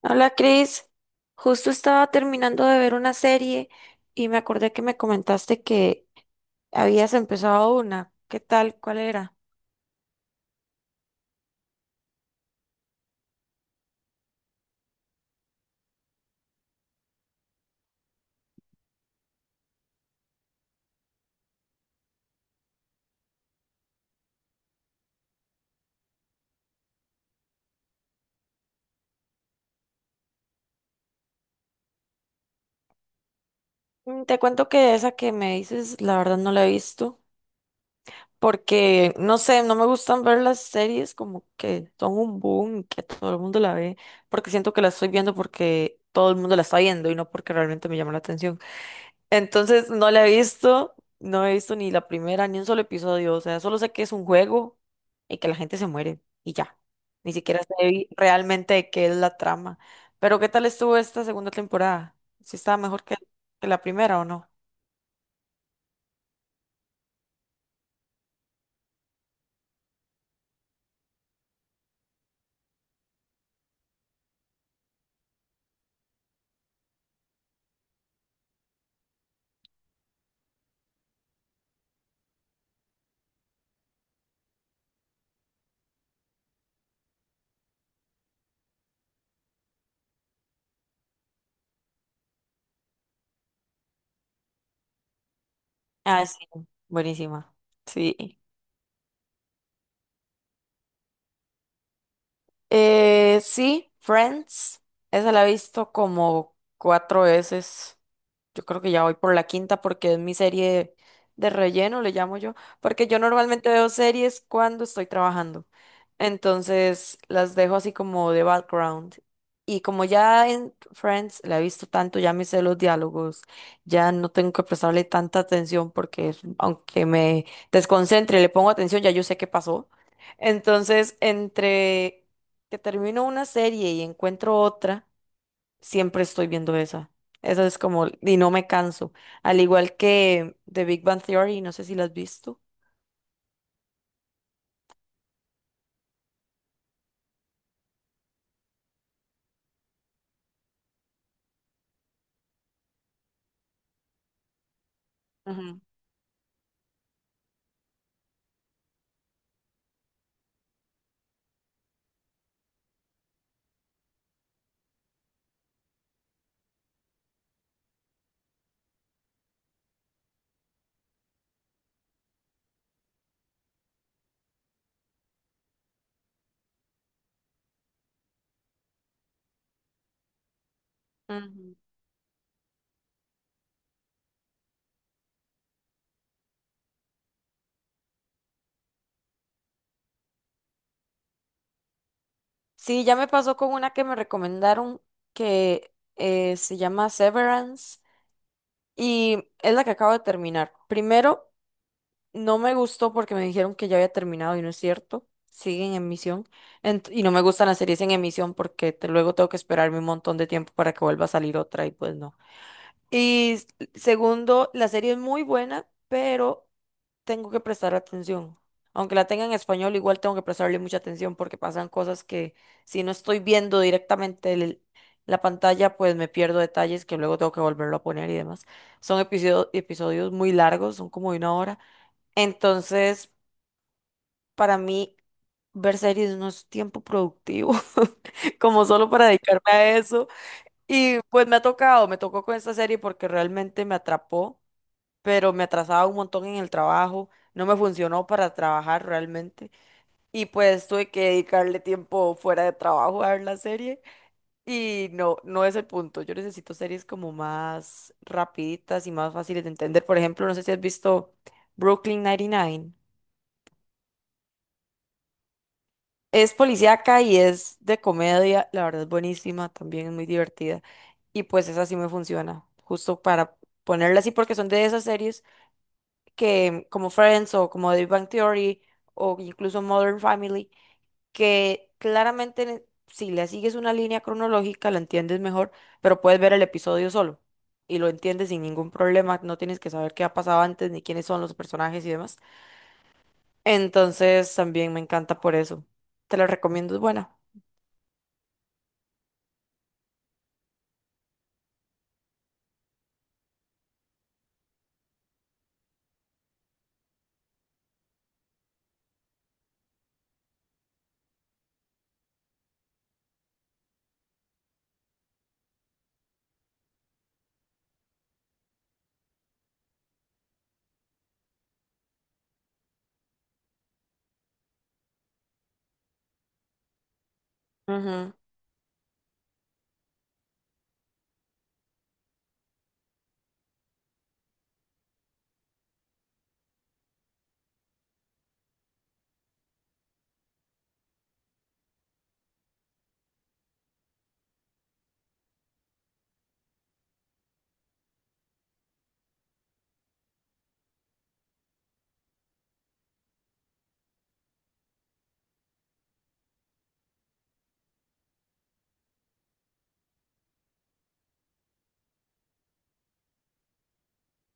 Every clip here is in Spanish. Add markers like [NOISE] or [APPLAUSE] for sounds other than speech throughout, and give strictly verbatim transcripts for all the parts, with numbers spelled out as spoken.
Hola Cris, justo estaba terminando de ver una serie y me acordé que me comentaste que habías empezado una. ¿Qué tal? ¿Cuál era? Mm, te cuento que esa que me dices, la verdad no la he visto porque no sé, no me gustan ver las series como que son un boom y que todo el mundo la ve porque siento que la estoy viendo porque todo el mundo la está viendo y no porque realmente me llama la atención. Entonces no la he visto, no he visto ni la primera, ni un solo episodio. O sea, solo sé que es un juego y que la gente se muere y ya. Ni siquiera sé vi- realmente de qué es la trama. Pero ¿qué tal estuvo esta segunda temporada? ¿Si estaba mejor que, que la primera o no? Ah, sí, buenísima. Sí. Eh, sí, Friends. Esa la he visto como cuatro veces. Yo creo que ya voy por la quinta porque es mi serie de relleno, le llamo yo. Porque yo normalmente veo series cuando estoy trabajando. Entonces las dejo así como de background. Y como ya en Friends la he visto tanto, ya me sé los diálogos, ya no tengo que prestarle tanta atención porque aunque me desconcentre, le pongo atención, ya yo sé qué pasó. Entonces, entre que termino una serie y encuentro otra, siempre estoy viendo esa. Esa es como, y no me canso. Al igual que The Big Bang Theory, no sé si la has visto. Ujú, ujú. Sí, ya me pasó con una que me recomendaron que eh, se llama Severance y es la que acabo de terminar. Primero, no me gustó porque me dijeron que ya había terminado y no es cierto. Siguen en emisión. Ent- y no me gustan las series en emisión porque te- luego tengo que esperarme un montón de tiempo para que vuelva a salir otra y pues no. Y s- segundo, la serie es muy buena, pero tengo que prestar atención. Aunque la tenga en español, igual tengo que prestarle mucha atención porque pasan cosas que si no estoy viendo directamente el- la pantalla, pues me pierdo detalles que luego tengo que volverlo a poner y demás. Son episodio- episodios muy largos, son como de una hora. Entonces, para mí, ver series no es tiempo productivo, [LAUGHS] como solo para dedicarme a eso. Y pues me ha tocado, me tocó con esta serie porque realmente me atrapó, pero me atrasaba un montón en el trabajo, no me funcionó para trabajar realmente. Y pues tuve que dedicarle tiempo fuera de trabajo a ver la serie. Y no, no es el punto. Yo necesito series como más rapiditas y más fáciles de entender. Por ejemplo, no sé si has visto Brooklyn noventa y nueve. Es policíaca y es de comedia, la verdad es buenísima, también es muy divertida. Y pues esa sí me funciona, justo para ponerla así, porque son de esas series que, como Friends o como The Bang Theory o incluso Modern Family, que claramente ne- si le sigues una línea cronológica la entiendes mejor, pero puedes ver el episodio solo y lo entiendes sin ningún problema, no tienes que saber qué ha pasado antes ni quiénes son los personajes y demás. Entonces también me encanta por eso. Te la recomiendo, es buena.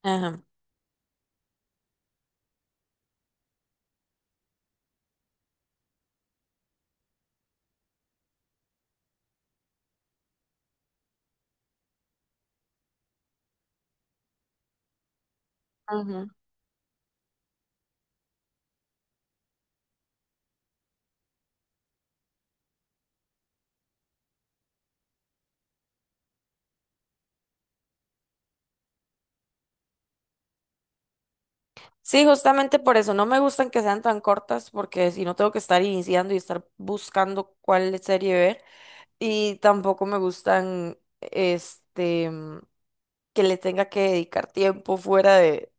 Ajá, ajá. Sí, justamente por eso no me gustan que sean tan cortas, porque si no tengo que estar iniciando y estar buscando cuál serie ver. Y tampoco me gustan, este, mm, que le tenga que dedicar tiempo fuera de,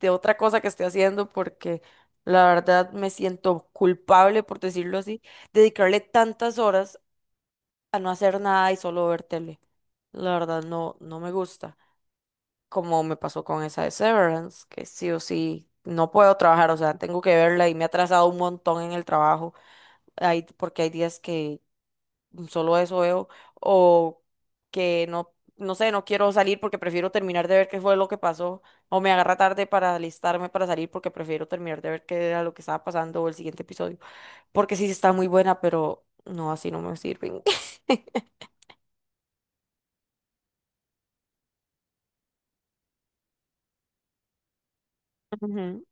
de otra cosa que esté haciendo, porque la verdad me siento culpable, por decirlo así, dedicarle tantas horas a no hacer nada y solo ver tele. La verdad no, no me gusta. Como me pasó con esa de Severance, que sí o sí no puedo trabajar, o sea, tengo que verla y me ha atrasado un montón en el trabajo, hay, porque hay días que solo eso veo, o que no, no sé, no quiero salir porque prefiero terminar de ver qué fue lo que pasó, o me agarra tarde para alistarme para salir porque prefiero terminar de ver qué era lo que estaba pasando o el siguiente episodio, porque sí está muy buena, pero no, así no me sirven. [LAUGHS] Ujú.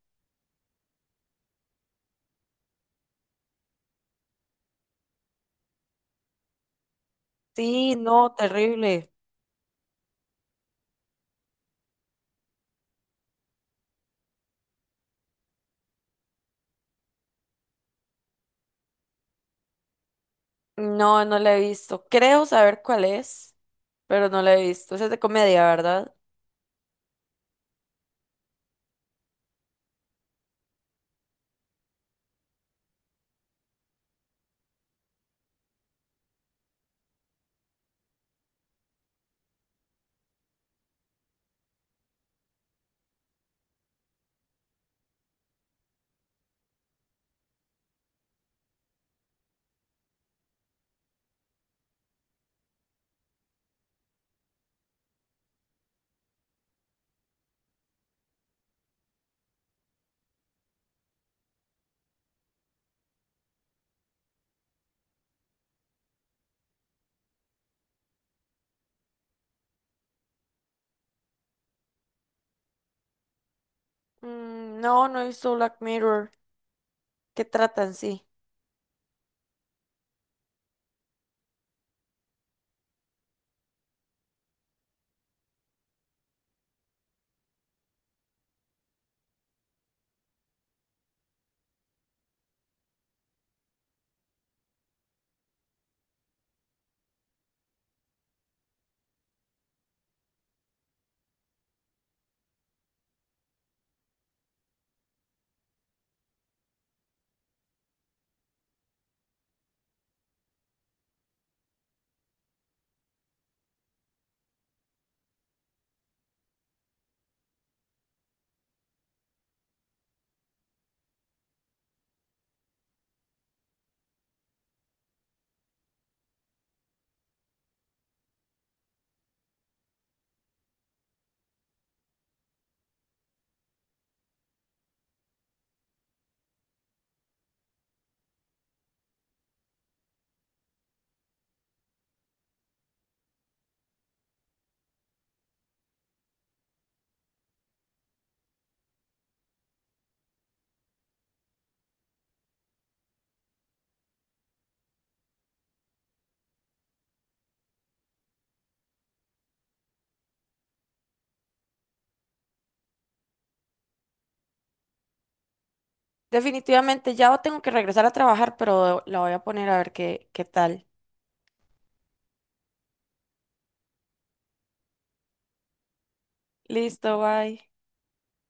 Sí, no, terrible. No, no la he visto. Creo saber cuál es, pero no la he visto. Esa es de comedia, ¿verdad? Mm, no, no he visto Black Mirror. ¿Qué tratan? Sí. Definitivamente ya tengo que regresar a trabajar, pero la voy a poner a ver qué, qué tal. Listo, bye.